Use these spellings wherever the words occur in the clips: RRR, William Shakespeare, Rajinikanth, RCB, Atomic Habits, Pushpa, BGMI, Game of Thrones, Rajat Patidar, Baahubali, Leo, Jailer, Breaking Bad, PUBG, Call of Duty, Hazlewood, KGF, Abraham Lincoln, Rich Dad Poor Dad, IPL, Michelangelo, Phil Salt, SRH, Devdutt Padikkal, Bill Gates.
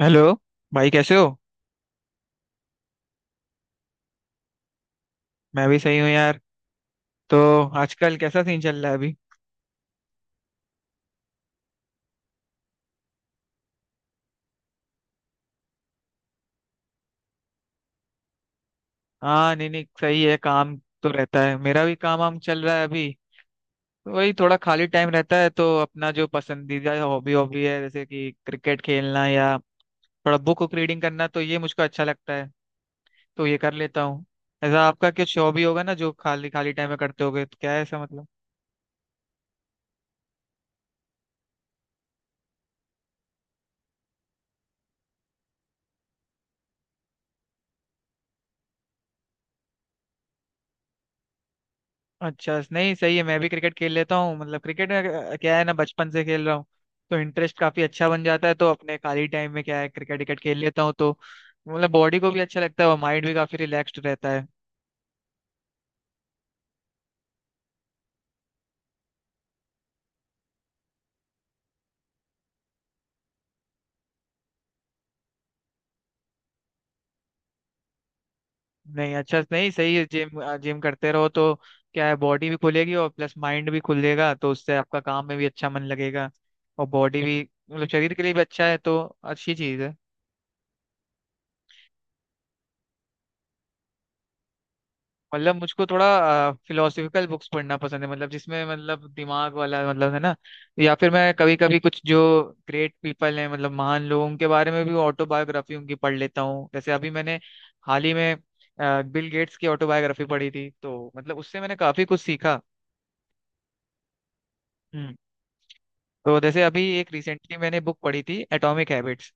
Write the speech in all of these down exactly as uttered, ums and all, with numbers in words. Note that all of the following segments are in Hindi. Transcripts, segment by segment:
हेलो। भाई कैसे हो? मैं भी सही हूँ यार। तो आजकल कैसा सीन चल रहा है अभी? हाँ, नहीं नहीं, सही है। काम तो रहता है, मेरा भी काम वाम चल रहा है अभी। तो वही, थोड़ा खाली टाइम रहता है, तो अपना जो पसंदीदा हॉबी हॉबी है, जैसे कि क्रिकेट खेलना या थोड़ा बुक बुक रीडिंग करना, तो ये मुझको अच्छा लगता है। तो ये कर लेता हूँ। ऐसा आपका कुछ हॉबी होगा ना, जो खाली खाली टाइम में करते होगे, तो क्या है ऐसा, मतलब? अच्छा, नहीं सही है। मैं भी क्रिकेट खेल लेता हूँ। मतलब क्रिकेट में अ, क्या है ना, बचपन से खेल रहा हूँ, तो इंटरेस्ट काफी अच्छा बन जाता है। तो अपने खाली टाइम में क्या है, क्रिकेट विकेट खेल लेता हूँ, तो मतलब बॉडी को भी अच्छा लगता है और माइंड भी काफी रिलैक्स्ड रहता है। नहीं, अच्छा, नहीं सही है जिम जिम करते रहो, तो क्या है, बॉडी भी खुलेगी और प्लस माइंड भी खुलेगा, तो उससे आपका काम में भी अच्छा मन लगेगा, और बॉडी भी मतलब शरीर के लिए भी अच्छा है, तो अच्छी चीज है। मतलब मुझको थोड़ा फिलोसफिकल बुक्स पढ़ना पसंद है, मतलब जिसमें मतलब दिमाग वाला, मतलब है ना। या फिर मैं कभी कभी कुछ जो ग्रेट पीपल हैं, मतलब महान लोगों के बारे में भी ऑटोबायोग्राफी उनकी पढ़ लेता हूँ। जैसे अभी मैंने हाल ही में बिल गेट्स की ऑटोबायोग्राफी पढ़ी थी, तो मतलब उससे मैंने काफी कुछ सीखा। हम्म। तो जैसे अभी एक रिसेंटली मैंने बुक पढ़ी थी, एटॉमिक हैबिट्स।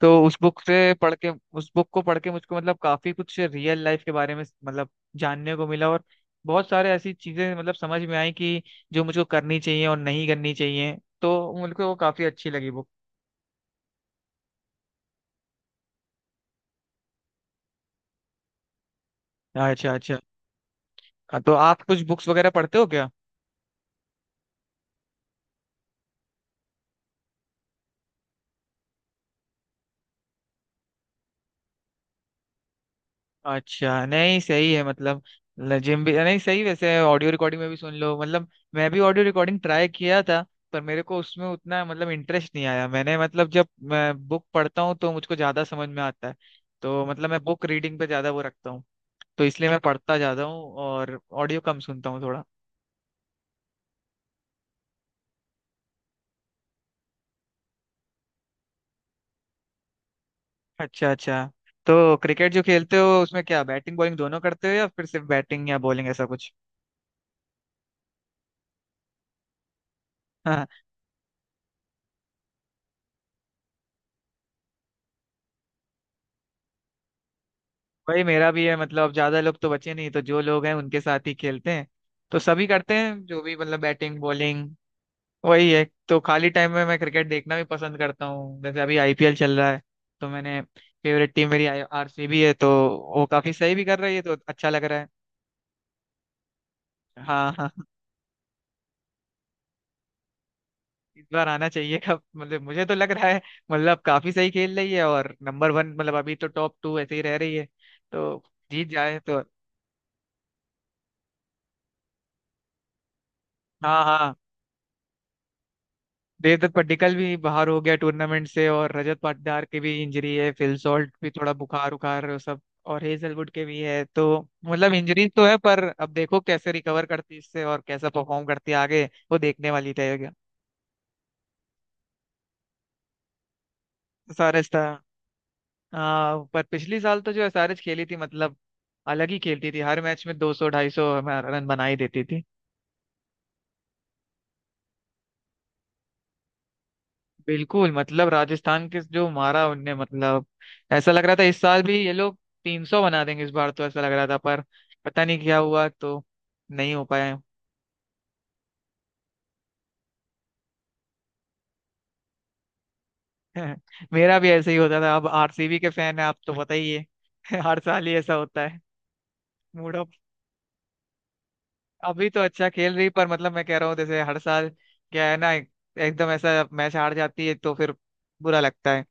तो उस बुक से पढ़ के उस बुक को पढ़ के मुझको मतलब काफी कुछ रियल लाइफ के बारे में, मतलब जानने को मिला, और बहुत सारे ऐसी चीजें मतलब समझ में आई कि जो मुझको करनी चाहिए और नहीं करनी चाहिए। तो मुझको वो काफी अच्छी लगी बुक। अच्छा अच्छा। तो आप कुछ बुक्स वगैरह पढ़ते हो क्या? अच्छा, नहीं सही है, मतलब जिम भी नहीं सही, वैसे ऑडियो रिकॉर्डिंग में भी सुन लो मतलब। मैं भी ऑडियो रिकॉर्डिंग ट्राई किया था, पर मेरे को उसमें उतना मतलब इंटरेस्ट नहीं आया। मैंने मतलब जब मैं बुक पढ़ता हूँ, तो मुझको ज्यादा समझ में आता है। तो मतलब मैं बुक रीडिंग पे ज्यादा वो रखता हूँ। तो इसलिए मैं पढ़ता ज्यादा हूँ और ऑडियो कम सुनता हूँ थोड़ा। अच्छा अच्छा। तो क्रिकेट जो खेलते हो उसमें क्या बैटिंग बॉलिंग दोनों करते हो, या फिर सिर्फ बैटिंग या बॉलिंग, ऐसा कुछ? वही मेरा भी है, मतलब ज्यादा लोग तो बचे नहीं, तो जो लोग हैं उनके साथ ही खेलते हैं। तो सभी करते हैं जो भी, मतलब बैटिंग बॉलिंग वही है। तो खाली टाइम में मैं क्रिकेट देखना भी पसंद करता हूँ। जैसे अभी आईपीएल चल रहा है, तो मैंने फेवरेट टीम मेरी आरसीबी है, तो वो काफी सही भी कर रही है, तो अच्छा लग रहा है। हाँ हाँ हाँ। इस बार आना चाहिए कब मतलब मुझे तो लग रहा है मतलब काफी सही खेल रही है, और नंबर वन, मतलब अभी तो टॉप टू ऐसे ही रह रही है, तो जीत जाए तो। हाँ हाँ। देवदत्त पड्डीकल भी बाहर हो गया टूर्नामेंट से, और रजत पाटीदार की भी इंजरी है, फिल सॉल्ट भी थोड़ा बुखार उखार वो सब, और हेजलवुड के भी है। तो मतलब इंजरीज तो है, पर अब देखो कैसे रिकवर करती है इससे, और कैसा परफॉर्म करती है आगे, वो देखने वाली रहेगा। एसआरएच था। हाँ, पर पिछली साल तो जो एसआरएच खेली थी, मतलब अलग ही खेलती थी। हर मैच में दो सौ ढाई सौ रन बना ही देती थी। बिल्कुल, मतलब राजस्थान के जो मारा उनने, मतलब ऐसा लग रहा था इस साल भी ये लोग तीन सौ बना देंगे, इस बार तो ऐसा लग रहा था। पर पता नहीं क्या हुआ, तो नहीं हो पाया। मेरा भी ऐसे ही होता था। अब आरसीबी के फैन है आप, तो पता ही है हर साल ही ऐसा होता है। Mood off. अभी तो अच्छा खेल रही, पर मतलब मैं कह रहा हूँ, जैसे हर साल क्या है ना, एक- एकदम ऐसा मैच हार जाती है, तो फिर बुरा लगता है।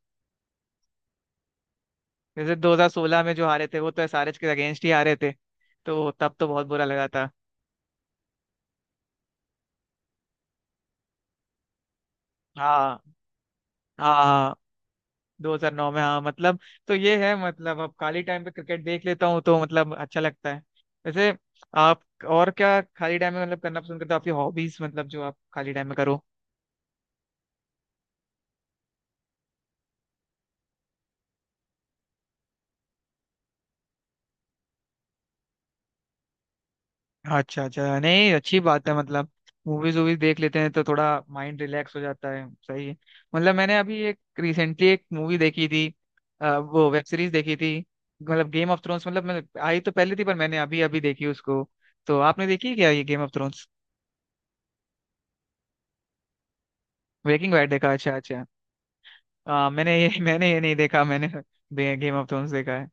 जैसे दो हज़ार सोलह में जो हारे थे, वो तो एसआरएच के अगेंस्ट ही हारे थे, तो तब तो बहुत बुरा लगा था। हाँ हाँ हाँ। दो हज़ार नौ में, हाँ मतलब। तो ये है, मतलब अब खाली टाइम पे क्रिकेट देख लेता हूँ, तो मतलब अच्छा लगता है। वैसे आप और क्या खाली टाइम में मतलब करना पसंद करते हो? आपकी हॉबीज, मतलब जो आप खाली टाइम में करो। अच्छा अच्छा, नहीं अच्छी बात है, मतलब मूवीज वूवीज देख लेते हैं, तो थोड़ा माइंड रिलैक्स हो जाता है, सही है। मतलब मैंने अभी एक रिसेंटली एक मूवी देखी थी, अ, वो वेब सीरीज देखी थी, मतलब गेम ऑफ थ्रोन्स। मतलब मैं आई तो पहले थी, पर मैंने अभी अभी देखी उसको। तो आपने देखी क्या ये game of thrones? Breaking bad देखा, अच्छा अच्छा। आ, मैंने ये मैंने ये नहीं देखा, मैंने गेम ऑफ थ्रोन्स देखा है।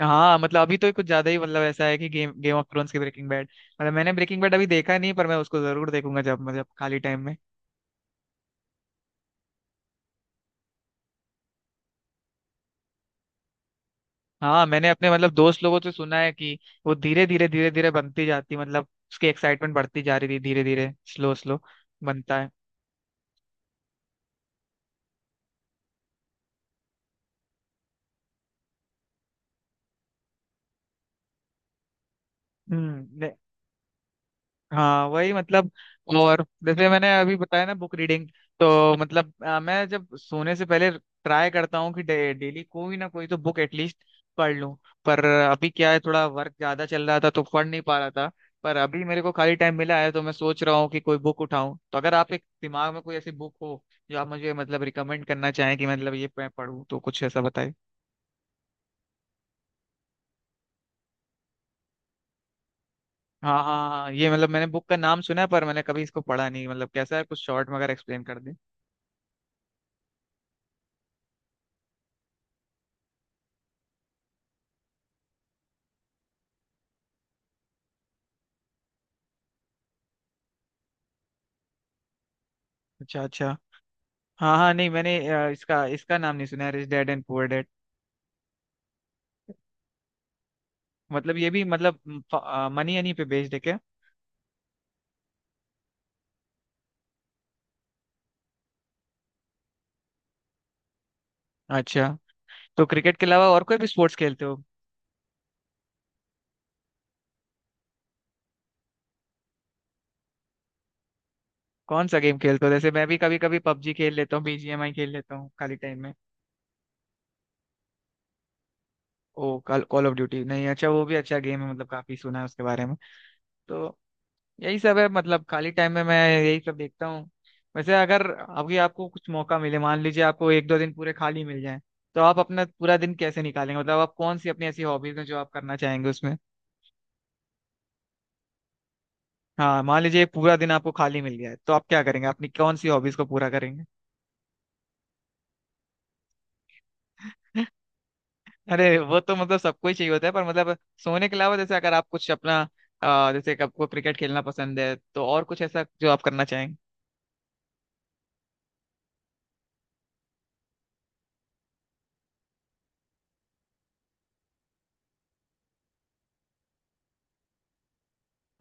हाँ, मतलब अभी तो कुछ ज्यादा ही मतलब ऐसा है कि गेम गेम ऑफ थ्रोन्स की ब्रेकिंग बैड। मतलब मैंने ब्रेकिंग बैड अभी देखा नहीं, पर मैं उसको जरूर देखूंगा जब मतलब खाली टाइम में। हाँ, मैंने अपने मतलब दोस्त लोगों से सुना है कि वो धीरे धीरे धीरे धीरे बनती जाती, मतलब उसकी एक्साइटमेंट बढ़ती जा रही थी, धीरे धीरे स्लो स्लो बनता है। हम्म। हाँ वही मतलब, और जैसे मैंने अभी बताया ना बुक रीडिंग, तो मतलब अ, मैं जब सोने से पहले ट्राई करता हूँ कि डे, डेली कोई ना कोई तो बुक एटलीस्ट पढ़ लूँ। पर अभी क्या है, थोड़ा वर्क ज्यादा चल रहा था, तो पढ़ नहीं पा रहा था। पर अभी मेरे को खाली टाइम मिला है, तो मैं सोच रहा हूँ कि कोई बुक उठाऊं। तो अगर आप एक दिमाग में कोई ऐसी बुक हो जो आप मुझे मतलब रिकमेंड करना चाहें कि मतलब ये मैं पढ़ूँ, तो कुछ ऐसा बताइए। हाँ हाँ हाँ, ये मतलब मैंने बुक का नाम सुना है, पर मैंने कभी इसको पढ़ा नहीं। मतलब कैसा है, कुछ शॉर्ट में अगर एक्सप्लेन कर दें? अच्छा अच्छा। हाँ हाँ, नहीं मैंने अ, इसका इसका नाम नहीं सुना, rich dad and poor dad. मतलब ये भी मतलब मनी हनी पे बेस्ड है क्या? अच्छा। तो क्रिकेट के अलावा और कोई भी स्पोर्ट्स खेलते हो? कौन सा गेम खेलते हो? जैसे मैं भी कभी कभी पबजी खेल लेता हूँ, बीजीएमआई खेल लेता हूँ खाली टाइम में। ओ कॉल ऑफ ड्यूटी, नहीं अच्छा, वो भी अच्छा गेम है, मतलब काफी सुना है उसके बारे में। तो यही सब है, मतलब खाली टाइम में मैं यही सब देखता हूँ। वैसे अगर अभी आपको कुछ मौका मिले, मान लीजिए आपको एक दो दिन पूरे खाली मिल जाए, तो आप अपना पूरा दिन कैसे निकालेंगे? मतलब आप कौन सी अपनी ऐसी हॉबीज हैं जो आप करना चाहेंगे उसमें? हाँ, मान लीजिए पूरा दिन आपको खाली मिल गया है, तो आप क्या करेंगे? अपनी कौन सी हॉबीज को पूरा करेंगे? अरे वो तो मतलब सबको ही चाहिए होता है, पर मतलब सोने के अलावा, जैसे अगर आप कुछ अपना अ, जैसे कि आपको क्रिकेट खेलना पसंद है, तो और कुछ ऐसा जो आप करना चाहेंगे।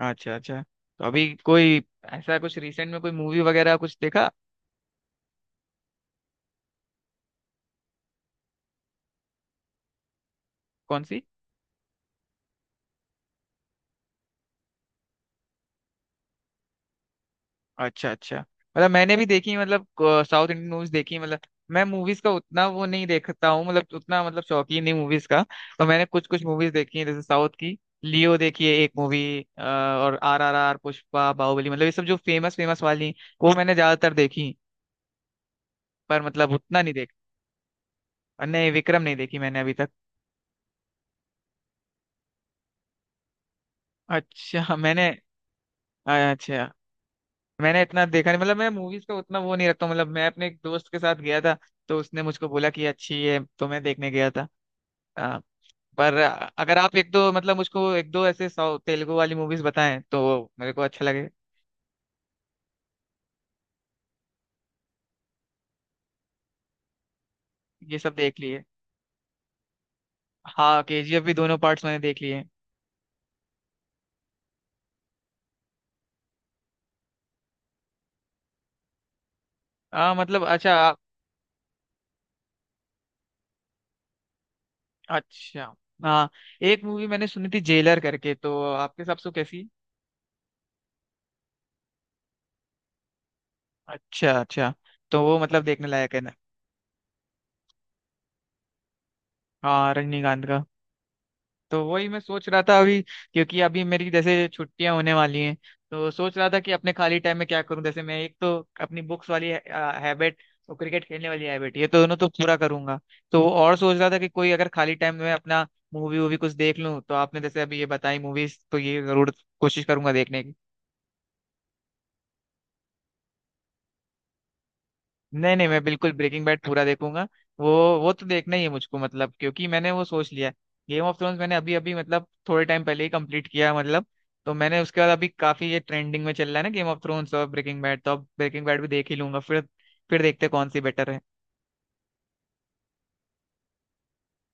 अच्छा अच्छा। तो अभी कोई ऐसा कुछ रिसेंट में कोई मूवी वगैरह कुछ देखा? कौन सी? अच्छा अच्छा, मतलब मैंने भी देखी मतलब अ, साउथ इंडियन मूवीज देखी। मतलब मैं मूवीज का उतना वो नहीं देखता हूँ, मतलब उतना मतलब शौकीन नहीं मूवीज का। तो मैंने कुछ कुछ मूवीज देखी है जैसे साउथ की, लियो देखी है एक मूवी, और आर आर आर, पुष्पा, बाहुबली, मतलब ये सब जो फेमस फेमस वाली वो मैंने ज्यादातर देखी, पर मतलब उतना नहीं देखा। नहीं, विक्रम नहीं देखी मैंने अभी तक। अच्छा मैंने अच्छा, मैंने इतना देखा नहीं, मतलब मैं मूवीज का उतना वो नहीं रखता हूँ। मतलब मैं अपने एक दोस्त के साथ गया था, तो उसने मुझको बोला कि अच्छी है, तो मैं देखने गया था। पर अगर आप एक दो, मतलब मुझको एक दो ऐसे साउथ तेलुगु वाली मूवीज बताएं, तो मेरे को अच्छा लगे। ये सब देख लिए। हाँ, केजीएफ भी दोनों पार्ट्स मैंने देख लिए। हाँ मतलब, अच्छा आप- अच्छा, हाँ। एक मूवी मैंने सुनी थी जेलर करके, तो आपके हिसाब से वो कैसी? अच्छा अच्छा। तो वो मतलब देखने लायक है ना? हाँ, रजनीकांत का। तो वही मैं सोच रहा था अभी, क्योंकि अभी मेरी जैसे छुट्टियां होने वाली हैं, तो सोच रहा था कि अपने खाली टाइम में क्या करूं। जैसे मैं एक तो अपनी बुक्स वाली हैबिट और क्रिकेट खेलने वाली हैबिट, ये दोनों तो पूरा करूंगा। तो और सोच रहा था कि कोई अगर खाली टाइम में अपना मूवी वूवी कुछ देख लूं, तो आपने जैसे अभी ये बताई मूवीज, तो ये जरूर कोशिश करूंगा देखने की। नहीं नहीं, मैं बिल्कुल ब्रेकिंग बैड पूरा देखूंगा। वो वो तो देखना ही है मुझको, मतलब क्योंकि मैंने वो सोच लिया। गेम ऑफ थ्रोन्स मैंने अभी अभी, मतलब थोड़े टाइम पहले ही कंप्लीट किया मतलब। तो मैंने उसके बाद अभी काफी ये ट्रेंडिंग में चल रहा है ना, गेम ऑफ थ्रोन्स और ब्रेकिंग बैड, तो अब ब्रेकिंग बैड भी देख ही लूंगा फिर। फिर देखते हैं कौन सी बेटर है।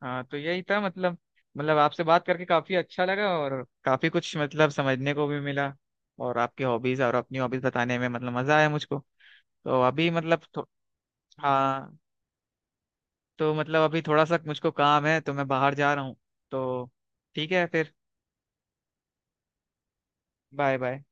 हाँ, तो यही था मतलब, मतलब आपसे बात करके काफी अच्छा लगा, और काफी कुछ मतलब समझने को भी मिला। और आपकी हॉबीज और अपनी हॉबीज बताने में मतलब मजा आया मुझको। तो अभी मतलब थो- हाँ, तो मतलब अभी थोड़ा सा मुझको काम है, तो मैं बाहर जा रहा हूँ। तो ठीक है फिर। Bye bye.